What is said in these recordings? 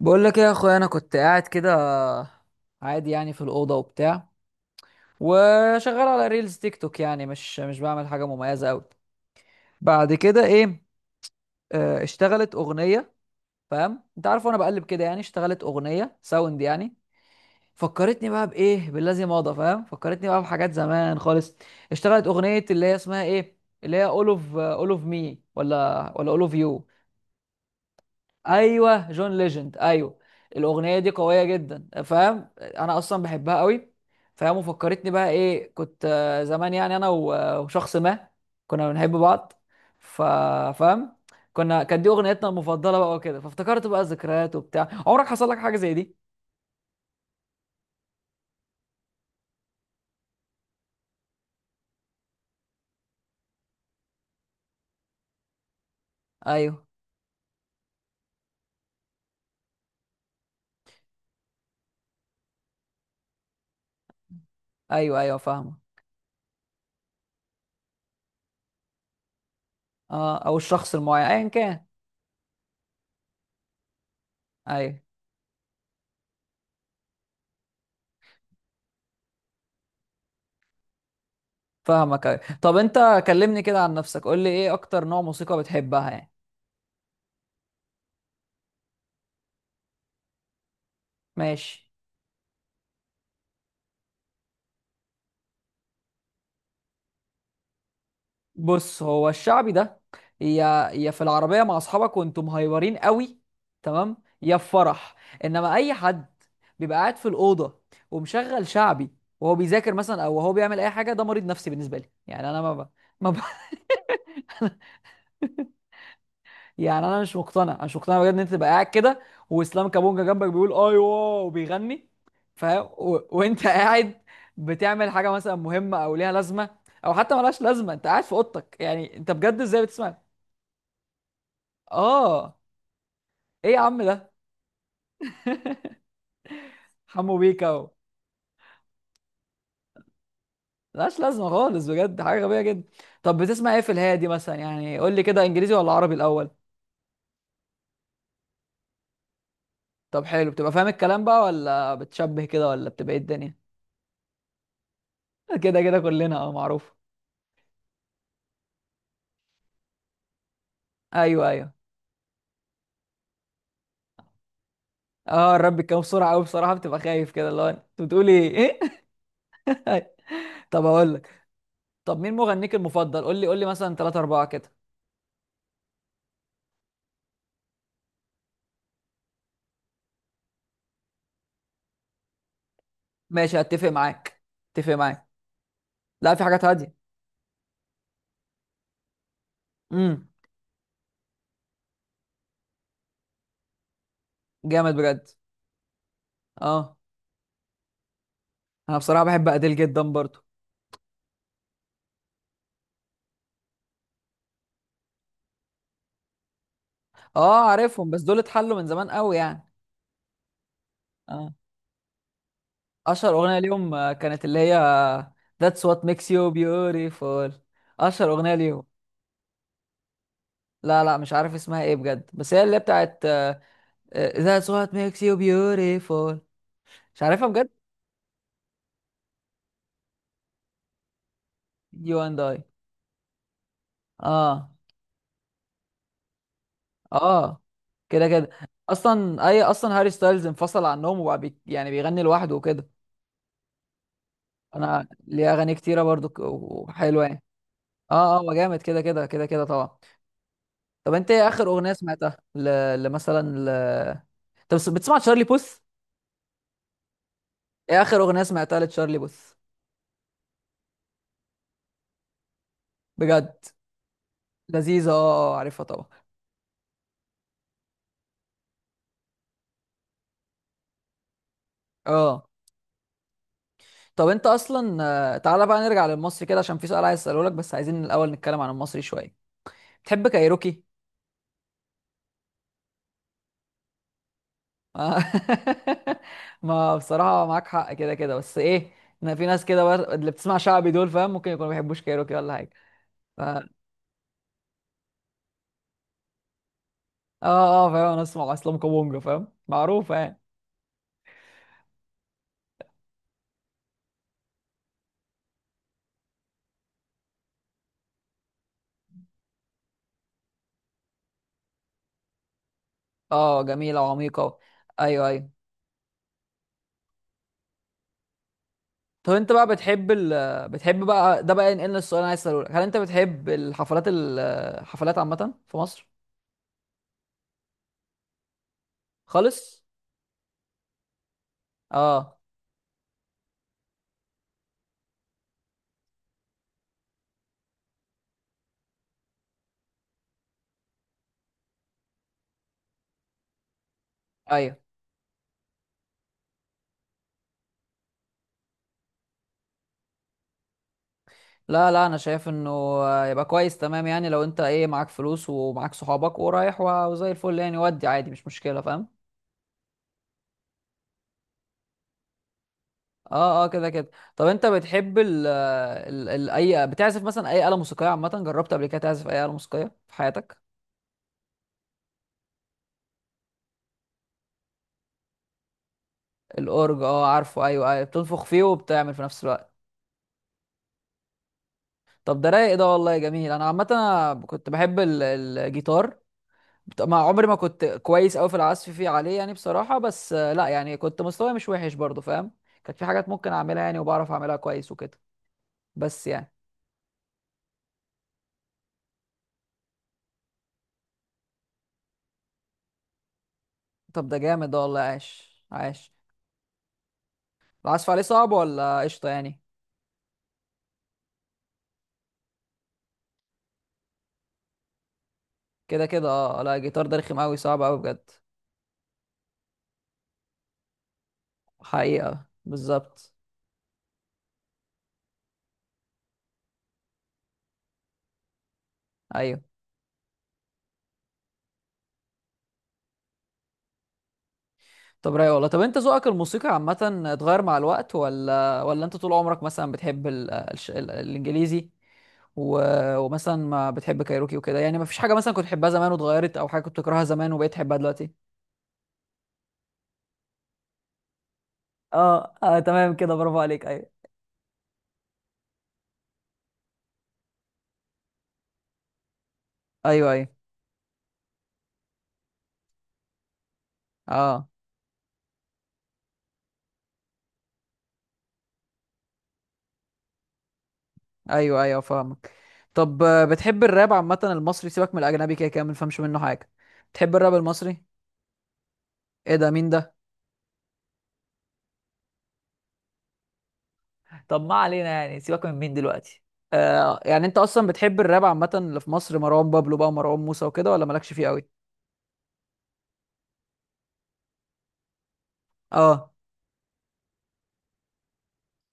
بقول لك ايه يا اخويا، انا كنت قاعد كده عادي يعني في الاوضه وبتاع، وشغال على ريلز تيك توك، يعني مش بعمل حاجه مميزه قوي. بعد كده ايه؟ اشتغلت اغنيه. فاهم، انت عارف، وانا بقلب كده يعني اشتغلت اغنيه ساوند يعني. فكرتني بقى بايه، بالذي مضى، فاهم، فكرتني بقى بحاجات زمان خالص. اشتغلت اغنيه اللي هي اسمها ايه؟ اللي هي اول اوف مي، ولا اول اوف يو. ايوه، جون ليجند، ايوه. الاغنيه دي قويه جدا، فاهم، انا اصلا بحبها قوي. فاهم، وفكرتني بقى ايه، كنت زمان يعني انا و- وشخص ما، كنا بنحب بعض. ف- فاهم، كانت دي اغنيتنا المفضله بقى وكده، فافتكرت بقى الذكريات وبتاع. عمرك حصل لك حاجه زي دي؟ ايوه، ايوه، ايوه، فاهمه. اه، او الشخص المعين ايا كان. ايوه، فاهمك، ايوه. طب انت كلمني كده عن نفسك، قول لي ايه اكتر نوع موسيقى بتحبها يعني؟ ماشي. بص، هو الشعبي ده، يا في العربية مع أصحابك وأنتم مهيورين قوي، تمام، يا في فرح. إنما أي حد بيبقى قاعد في الأوضة ومشغل شعبي وهو بيذاكر مثلا، وهو بيعمل أي حاجة، ده مريض نفسي بالنسبة لي، يعني أنا ما ب... ما ب... يعني أنا مش مقتنع بجد إن أنت تبقى قاعد كده، وإسلام كابونجا جنبك بيقول أيوه وبيغني، فاهم، و... وأنت قاعد بتعمل حاجة مثلا مهمة أو ليها لازمة، أو حتى ملهاش لازمة، أنت قاعد في أوضتك، يعني أنت بجد إزاي بتسمع؟ آه. ايه يا عم ده؟ حمو بيكا و... ملهاش لازمه خالص، بجد حاجه غبيه جدا. طب بتسمع ايه في الهادي مثلا يعني؟ قول لي كده، انجليزي ولا عربي الاول؟ طب حلو، بتبقى فاهم الكلام بقى ولا بتشبه كده، ولا بتبقى ايه الدنيا؟ كده كده كلنا، اه، معروف. ايوه، ايوه. اه، الرب بيتكلم بسرعه قوي بصراحه، بتبقى خايف كده اللي هو انت بتقولي ايه. طب اقول لك. طب مين مغنيك المفضل؟ قول لي مثلا ثلاثة أربعة كده. ماشي. اتفق معاك. اتفق معاك. لا، في حاجات هاديه. امم. جامد بجد. اه، انا بصراحه بحب اديل جدا برضو. اه، عارفهم، بس دول اتحلوا من زمان قوي يعني. اه، اشهر اغنيه ليهم كانت اللي هي That's what makes you beautiful. اشهر اغنيه ليهم. لا، لا، مش عارف اسمها ايه بجد، بس هي اللي بتاعت That's what makes you beautiful. مش عارفها بجد. You and I. اه، اه، كده كده. اصلا هاري ستايلز انفصل عنهم وبقى يعني بيغني لوحده وكده. انا ليه اغاني كتيره برضو وحلوه يعني. اه، اه، هو جامد، كده كده كده كده، طبعا. طب انت ايه اخر اغنيه سمعتها لمثلا ل... طب بتسمع تشارلي بوث؟ ايه اخر اغنيه سمعتها لتشارلي بوث؟ بجد. لذيذه، اه، عارفها طبعا. اه. طب انت اصلا تعالى بقى نرجع للمصري كده، عشان في سؤال عايز اساله لك، بس عايزين الاول نتكلم عن المصري شويه. بتحب كايروكي؟ آه. ما بصراحه معاك حق كده كده، بس ايه، إن في ناس كده اللي بتسمع شعبي دول، فاهم، ممكن يكونوا ما بيحبوش كايروكي ولا حاجه. اه، اه، فاهم، انا اسمع اسلام كابونجا، فاهم، معروفه يعني. اه، جميلة وعميقة. ايوه، ايوه. طب انت بقى بتحب بقى، ده بقى ينقلنا السؤال اللي انا عايز اساله لك، هل انت بتحب الحفلات عامة في مصر؟ خالص. اه، ايوه. لا، لا، انا شايف انه يبقى كويس تمام يعني، لو انت ايه، معاك فلوس ومعاك صحابك ورايح و- وزي الفل يعني، ودي عادي مش مشكلة، فاهم. اه، اه، كده كده. طب انت بتحب ال ال ال اي بتعزف مثلا اي آلة موسيقية عامة، جربت قبل كده تعزف اي آلة موسيقية في حياتك؟ الأورج، اه، عارفه، ايوه، ايوه، بتنفخ فيه وبتعمل في نفس الوقت. طب ده رايق ده والله جميل. انا عامه أنا كنت بحب ال- الجيتار. ما عمري ما كنت كويس قوي في العزف عليه يعني بصراحه، بس لا يعني كنت مستواي مش وحش برضه، فاهم. كانت في حاجات ممكن اعملها يعني، وبعرف اعملها كويس وكده، بس يعني. طب ده جامد ده والله، عاش عاش. العزف عليه صعب ولا قشطه يعني؟ كده كده، اه لا، الجيتار ده رخم قوي، صعب قوي بجد. حقيقه، بالظبط. ايوه. طب رايق والله. طب انت ذوقك الموسيقى عامة اتغير مع الوقت، ولا انت طول عمرك مثلا بتحب الانجليزي، و... ومثلا ما بتحب كايروكي وكده يعني، ما فيش حاجة مثلا كنت تحبها زمان واتغيرت، او حاجة كنت تكرهها زمان وبقيت تحبها دلوقتي؟ اه، آه، تمام كده، برافو عليك، ايوه. ايوه، ايوه، اه، ايوه، ايوه، فاهمك. طب بتحب الراب عامة المصري؟ سيبك من الاجنبي، كده كده ما بنفهمش منه حاجة. بتحب الراب المصري؟ ايه ده؟ مين ده؟ طب ما علينا يعني، سيبك من مين دلوقتي. يعني انت اصلا بتحب الراب عامه، اللي في مصر مروان بابلو بقى ومروان موسى وكده، ولا مالكش فيه قوي؟ اه،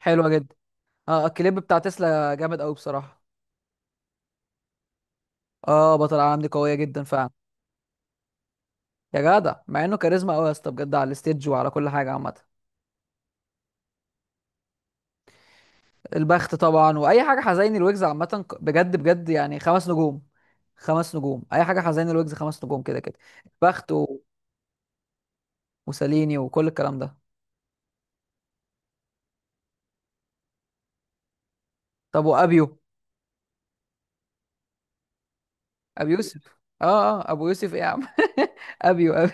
حلوه جدا. اه، الكليب بتاع تسلا جامد قوي بصراحه. اه، بطل العالم دي قويه جدا فعلا. يا جدع، مع انه كاريزما قوي يا اسطى، بجد، على الستيج وعلى كل حاجه عامه. البخت طبعا، واي حاجه حزيني الويجز عامه بجد بجد يعني، خمس نجوم. خمس نجوم، اي حاجه حزيني الويجز خمس نجوم كده كده. البخت و... وساليني وكل الكلام ده. طب وابيو، ابو يوسف. اه، اه، ابو يوسف ايه يا عم؟ ابيو ابي.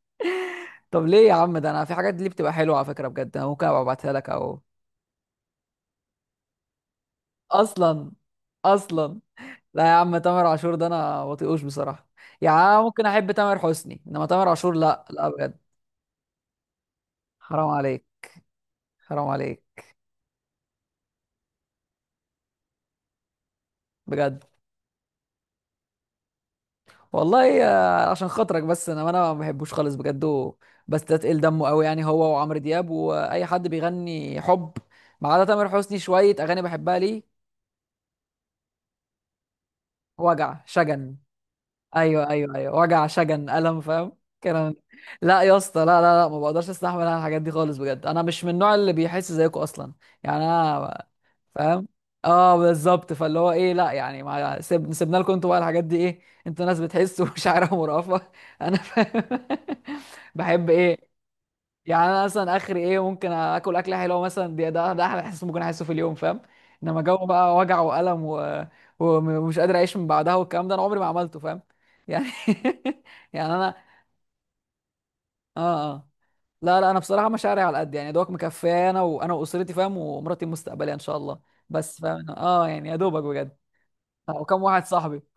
طب ليه يا عم ده؟ انا في حاجات دي بتبقى حلوه على فكره بجد، انا ممكن ابقى ابعتها لك او... اصلا، اصلا. لا يا عم، تامر عاشور ده انا بطيقوش بصراحه. يعني أنا ممكن احب تامر حسني، انما تامر عاشور لا، لا، بجد. حرام عليك، حرام عليك، بجد. والله عشان خاطرك، بس انا ما بحبوش خالص بجد بستثقل دمه قوي يعني، هو وعمرو دياب واي حد بيغني حب، ما عدا تامر حسني شويه اغاني بحبها ليه. وجع شجن. ايوه، ايوه، ايوه، وجع شجن الم، فاهم. كلام. لا يا اسطى، لا، لا، لا، ما بقدرش استحمل انا الحاجات دي خالص بجد، انا مش من النوع اللي بيحس زيكم اصلا. يعني انا، فاهم. اه، بالظبط، فاللي هو ايه، لا يعني ما سيب... سيبنا لكم انتوا بقى الحاجات دي ايه. انتوا ناس بتحس ومشاعرها مرهفه. انا فاهم. بحب ايه؟ يعني انا مثلا اخري ايه، ممكن اكل اكله حلوه مثلا، دي ده احلى احساس ممكن احسه في اليوم، فاهم. انما جو بقى وجع والم و... ومش قادر اعيش من بعدها، والكلام ده انا عمري ما عملته، فاهم. يعني، يعني انا. اه، اه. لا، لا، انا بصراحه مشاعري على قد يعني، يا دوبك مكفيه انا واسرتي، فاهم، ومراتي المستقبليه ان شاء الله. بس فاهم، اه يعني يا دوبك بجد. وكم